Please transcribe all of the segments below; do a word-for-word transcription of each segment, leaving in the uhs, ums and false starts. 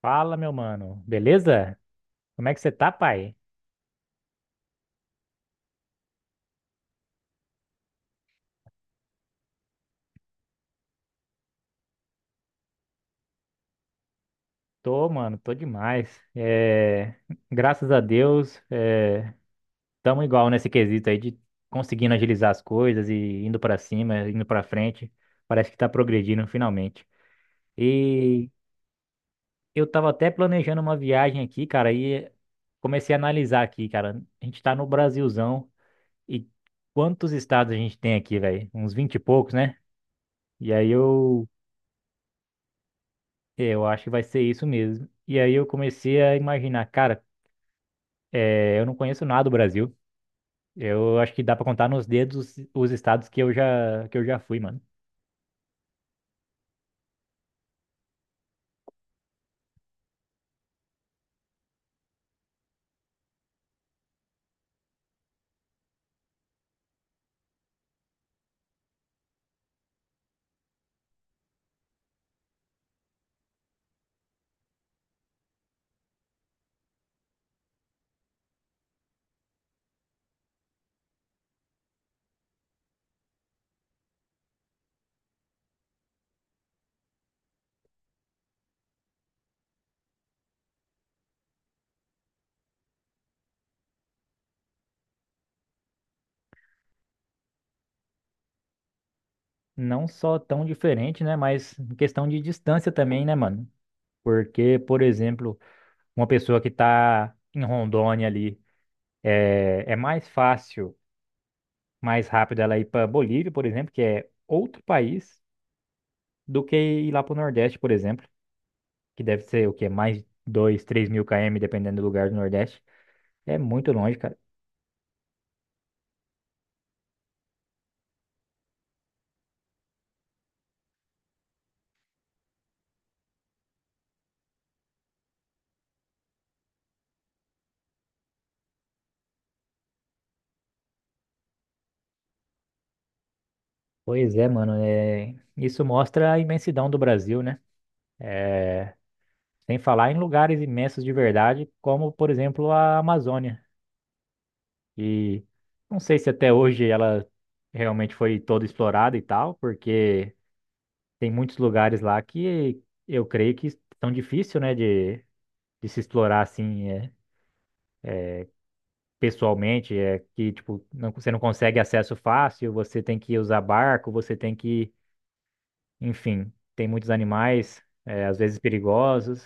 Fala, meu mano. Beleza? Como é que você tá, pai? Tô, mano, tô demais. É... Graças a Deus, é... tamo igual nesse quesito aí de conseguindo agilizar as coisas e indo pra cima, indo pra frente. Parece que tá progredindo finalmente. E eu tava até planejando uma viagem aqui, cara, e comecei a analisar aqui, cara. A gente tá no Brasilzão e quantos estados a gente tem aqui, velho? Uns vinte e poucos, né? E aí eu. É, eu acho que vai ser isso mesmo. E aí eu comecei a imaginar, cara, eh, eu não conheço nada do Brasil. Eu acho que dá pra contar nos dedos os estados que eu já que eu já fui, mano. Não só tão diferente, né, mas em questão de distância também, né, mano? Porque, por exemplo, uma pessoa que tá em Rondônia ali, é, é mais fácil, mais rápido ela ir pra Bolívia, por exemplo, que é outro país, do que ir lá pro Nordeste, por exemplo, que deve ser o quê? Mais dois, três mil quilômetros, dependendo do lugar do Nordeste. É muito longe, cara. Pois é, mano. É... Isso mostra a imensidão do Brasil, né? É... Sem falar em lugares imensos de verdade, como, por exemplo, a Amazônia. E não sei se até hoje ela realmente foi toda explorada e tal, porque tem muitos lugares lá que eu creio que estão difícil, né, de, de se explorar assim, é, pessoalmente. É que, tipo, não- você não consegue acesso fácil, você tem que usar barco, você tem que Enfim, tem muitos animais, é, às vezes perigosos.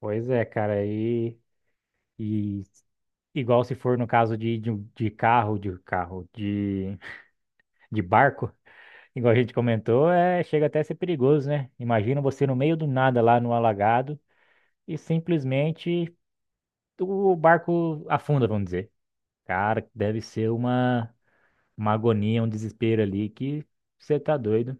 Pois é, cara, e, e igual se for no caso de, de, de carro, de carro, de, de barco, igual a gente comentou, é, chega até a ser perigoso, né? Imagina você no meio do nada lá no alagado e simplesmente o barco afunda, vamos dizer. Cara, deve ser uma, uma agonia, um desespero ali que você tá doido.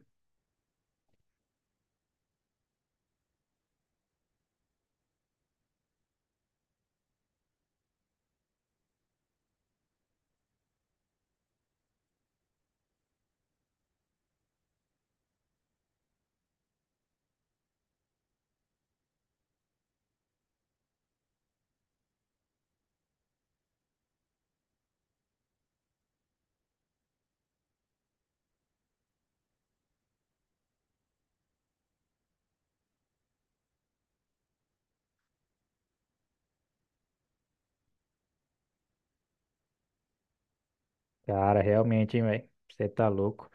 Cara, realmente, hein, velho? Você tá louco.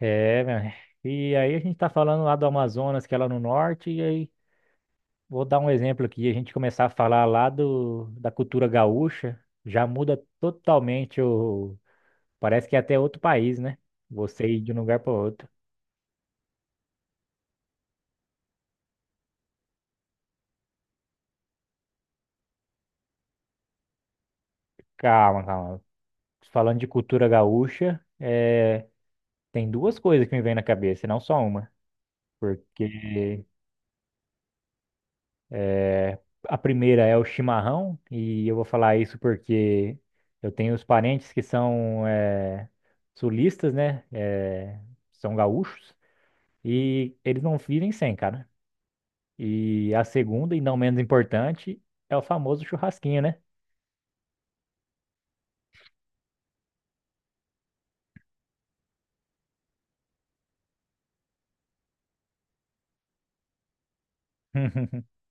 É, meu. E aí a gente tá falando lá do Amazonas, que é lá no norte, e aí vou dar um exemplo aqui, a gente começar a falar lá do, da cultura gaúcha, já muda totalmente o... Parece que é até outro país, né? Você ir de um lugar para outro. Calma, calma. Falando de cultura gaúcha, é, tem duas coisas que me vêm na cabeça, não só uma. Porque. É, A primeira é o chimarrão, e eu vou falar isso porque eu tenho os parentes que são eh, sulistas, né? eh, são gaúchos, e eles não vivem sem, cara. E a segunda, e não menos importante, é o famoso churrasquinho, né?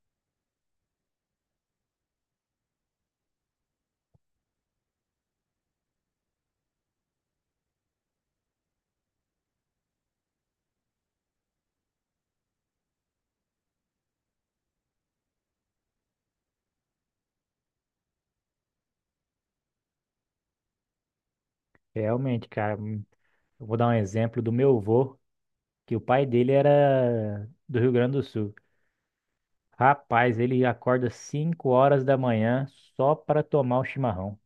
Realmente, cara. hum, Eu vou dar um exemplo do meu avô, que o pai dele era do Rio Grande do Sul. Rapaz, ele acorda cinco horas da manhã só para tomar o chimarrão.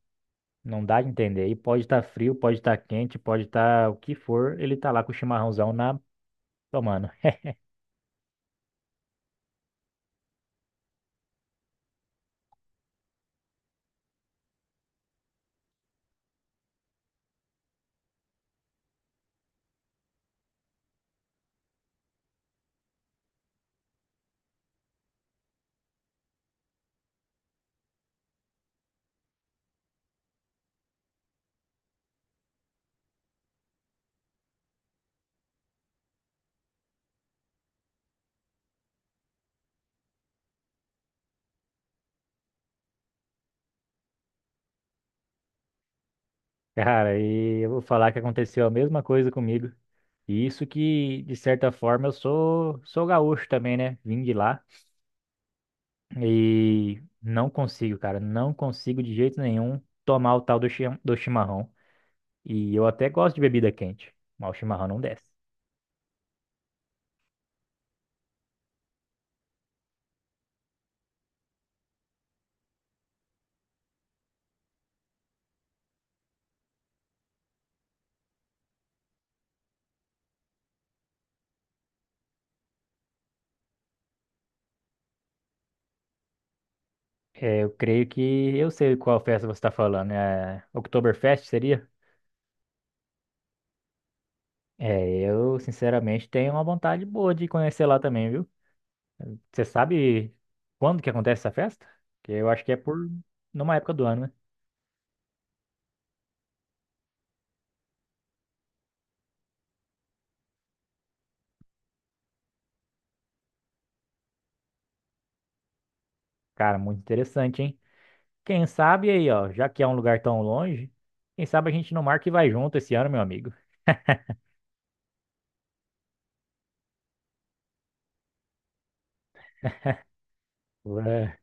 Não dá a entender. E pode estar frio, pode estar quente, pode estar o que for, ele tá lá com o chimarrãozão na tomando. Cara, e eu vou falar que aconteceu a mesma coisa comigo. E isso que, de certa forma, eu sou, sou gaúcho também, né? Vim de lá. E não consigo, cara. Não consigo de jeito nenhum tomar o tal do, chi- do chimarrão. E eu até gosto de bebida quente, mas o chimarrão não desce. É, eu creio que eu sei qual festa você está falando. É Oktoberfest, seria? É, eu sinceramente tenho uma vontade boa de conhecer lá também, viu? Você sabe quando que acontece essa festa? Que eu acho que é por numa época do ano, né? Cara, muito interessante, hein? Quem sabe aí, ó, já que é um lugar tão longe, quem sabe a gente não marca e vai junto esse ano, meu amigo. Ué.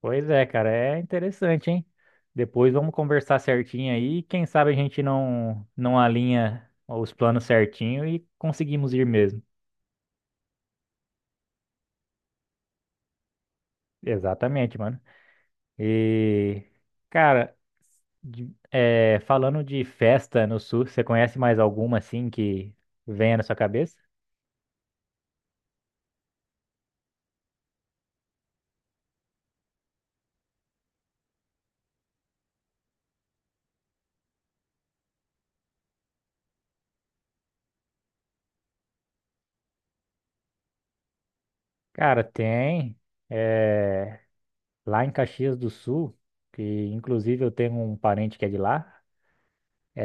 Pois é, cara, é interessante, hein? Depois vamos conversar certinho aí, quem sabe a gente não não alinha os planos certinho e conseguimos ir mesmo. Exatamente, mano. E, cara, De- é, falando de festa no sul, você conhece mais alguma assim que venha na sua cabeça? Cara, tem. É, lá em Caxias do Sul, que inclusive eu tenho um parente que é de lá,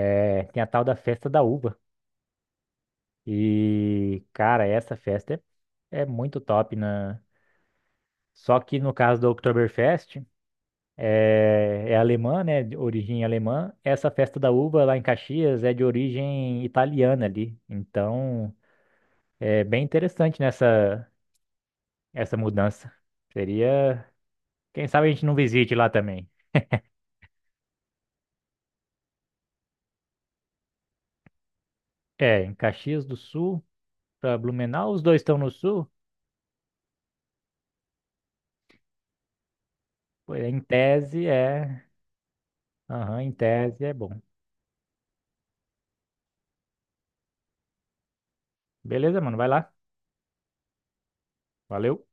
é, tem a tal da Festa da Uva. E, cara, essa festa é, é muito top, né? Só que no caso do Oktoberfest, é, é alemã, né? De origem alemã. Essa Festa da Uva lá em Caxias é de origem italiana ali. Então. É bem interessante nessa essa mudança. Seria, quem sabe a gente não visite lá também. É, em Caxias do Sul para Blumenau, os dois estão no sul. Pô, Em tese é, aham, em tese é bom. Beleza, mano, vai lá. Valeu.